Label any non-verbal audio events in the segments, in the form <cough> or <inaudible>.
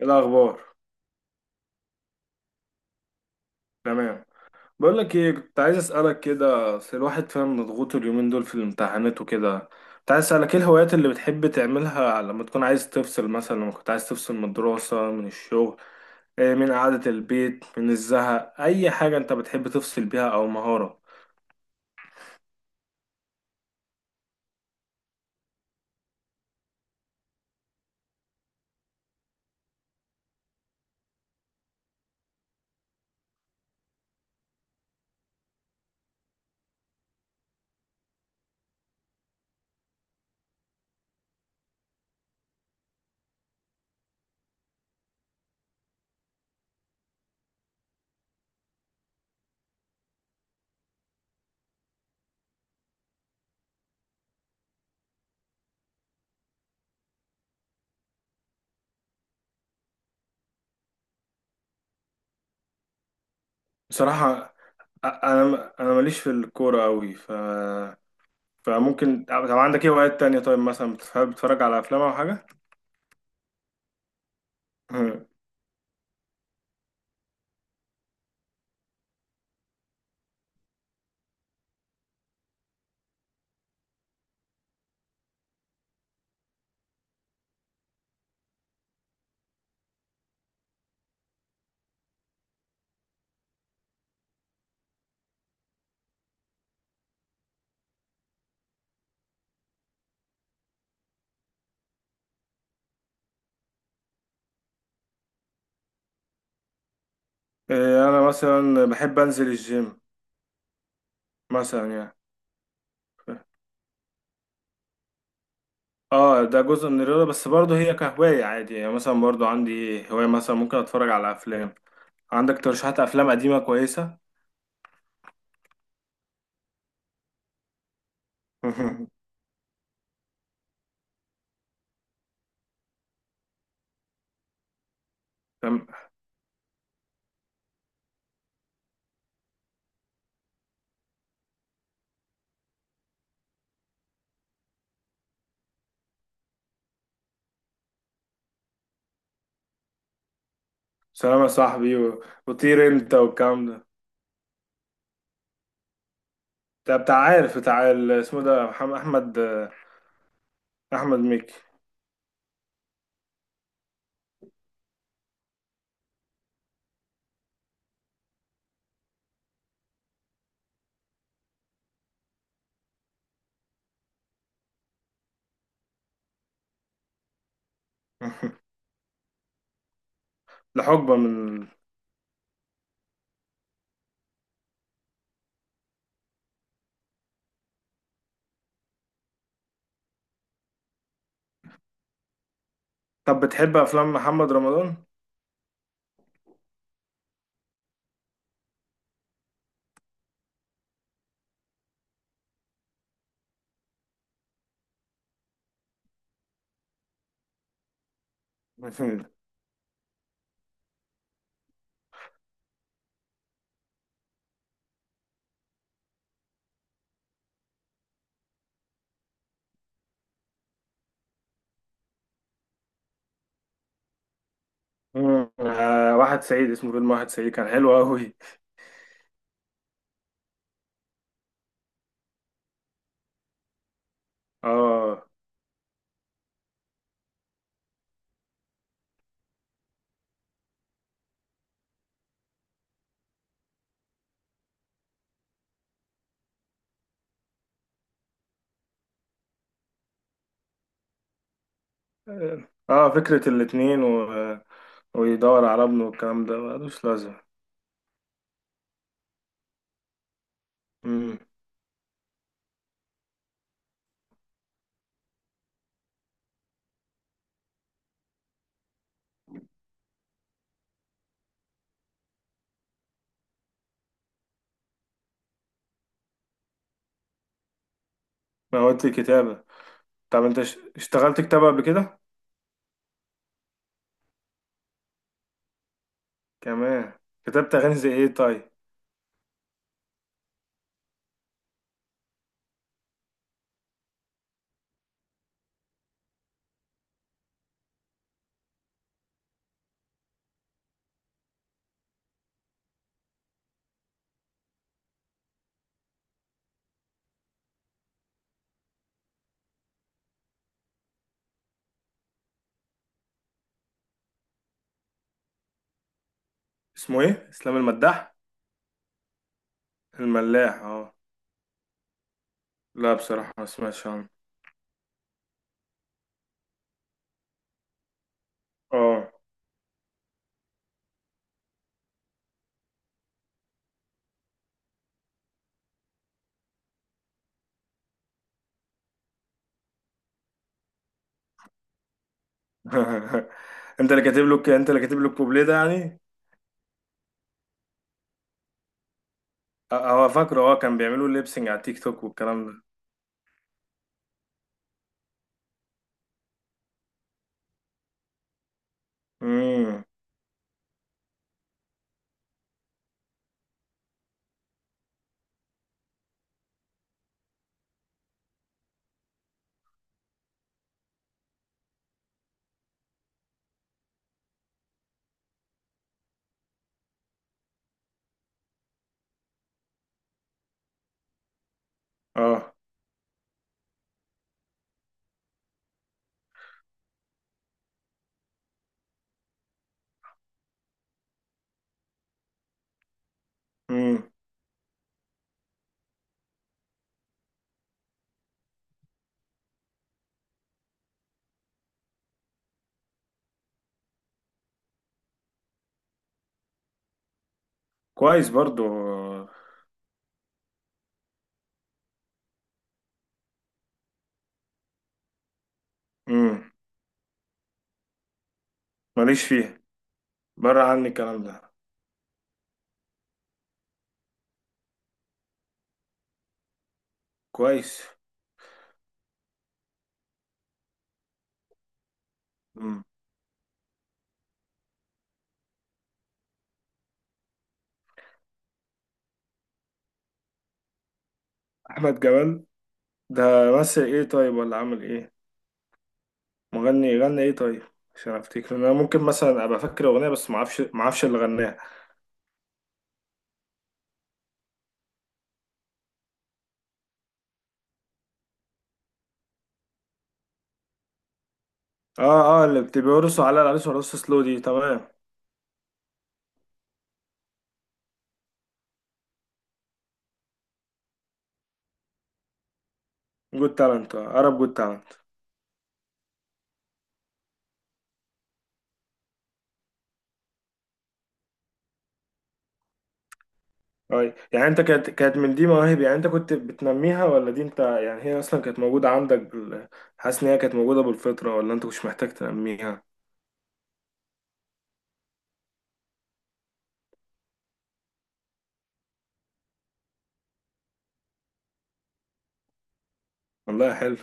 إيه الأخبار؟ تمام. بقول لك إيه، كنت عايز أسألك كده. أصل الواحد فاهم مضغوط اليومين دول في الامتحانات وكده. كنت عايز أسألك إيه الهوايات اللي بتحب تعملها لما تكون عايز تفصل، مثلا لما كنت عايز تفصل من الدراسة من الشغل. إيه، من قعدة البيت من الزهق، أي حاجة أنت بتحب تفصل بيها أو مهارة. بصراحة، أنا ماليش في الكورة أوي، فممكن. طب عندك إيه هوايات تانية، طيب مثلا بتحب تتفرج على أفلام أو حاجة؟ <laughs> إيه، أنا مثلا بحب أنزل الجيم مثلا يعني. اه، ده جزء من الرياضة بس برضه هي كهواية عادي يعني، مثلا برضه عندي هواية مثلا ممكن اتفرج على افلام. عندك ترشيحات افلام قديمة كويسة؟ <laughs> تمام. سلام يا صاحبي، وطير انت والكلام ده. بتاع عارف، بتاع اسمه ده، محمد احمد. احمد مكي. <laughs> لحقبة من. طب بتحب افلام محمد رمضان؟ <laughs> مم. آه، واحد سعيد، اسمه فيلم واحد سعيد، كان حلو قوي. اه، اه، فكرة الاتنين و... ويدور على ابنه والكلام ده ملوش لازمة. امم. ما هو دي كتابة. طب انت اشتغلت كتابة قبل كده؟ كمان. كتبت اغاني زي ايه طيب؟ اسمه ايه؟ اسلام المداح؟ الملاح، اه. لا بصراحة ما سمعتش عنه. اه. <laughs> انت اللي كاتب له الكوبليه ده يعني؟ هو فاكره، اه كان بيعملوا ليبسنج على تيك توك والكلام ده. امم. اه. امم. كويس برضو. امم. ماليش فيه. بره عني الكلام ده. كويس. مم. احمد جمال ده. مثل ايه طيب ولا عمل ايه؟ مغني غنى ايه طيب؟ عشان افتكر انا ممكن مثلا ابقى فاكر اغنيه بس ما اعرفش اللي غناها. اه، اه، اللي بيرقصوا على العريس ورقص سلو دي، تمام. جود تالنت، عرب جود تالنت. طيب، يعني انت كانت من دي مواهب، يعني انت كنت بتنميها ولا دي انت يعني هي اصلا كانت موجوده عندك بال... حاسس ان هي كانت موجوده بالفطره ولا انت مش محتاج تنميها؟ والله حلو.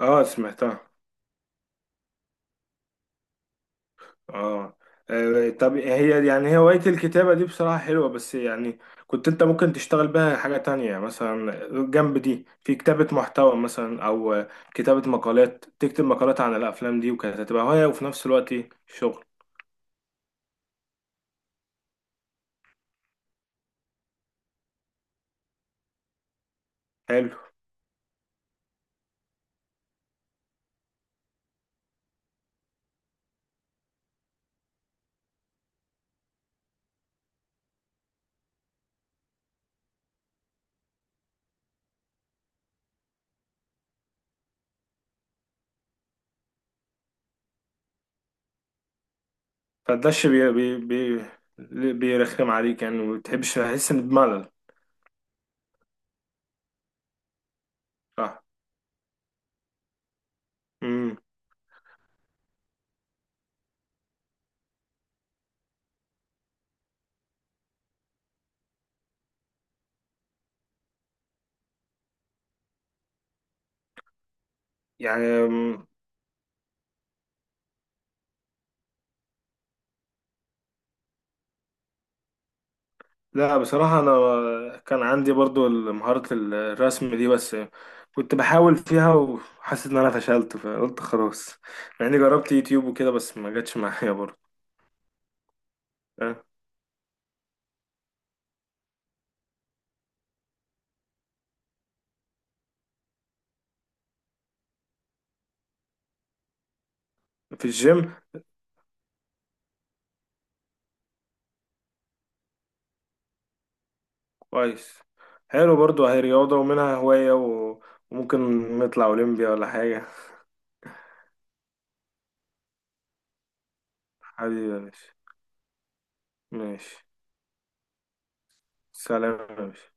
اه سمعتها. اه. آه، طب هي هواية الكتابة دي بصراحة حلوة بس يعني كنت انت ممكن تشتغل بها حاجة تانية مثلا، جنب دي في كتابة محتوى مثلا او كتابة مقالات، تكتب مقالات عن الافلام دي، وكانت هتبقى هواية وفي نفس الوقت شغل. حلو. فداش بي بي بي بيرخم عليك يعني، وما بتحبش تحس ان بملل. صح. امم. يعني. لا بصراحة أنا كان عندي برضو مهارة الرسم دي بس كنت بحاول فيها وحاسس إن أنا فشلت فقلت خلاص. مع إني جربت يوتيوب وكده بس ما جاتش معايا برضو. أه. في الجيم. كويس. حلو برضو، هي رياضة ومنها هواية و... وممكن نطلع أولمبيا ولا حاجة. حبيبي يا باشا. ماشي. سلام يا باشا.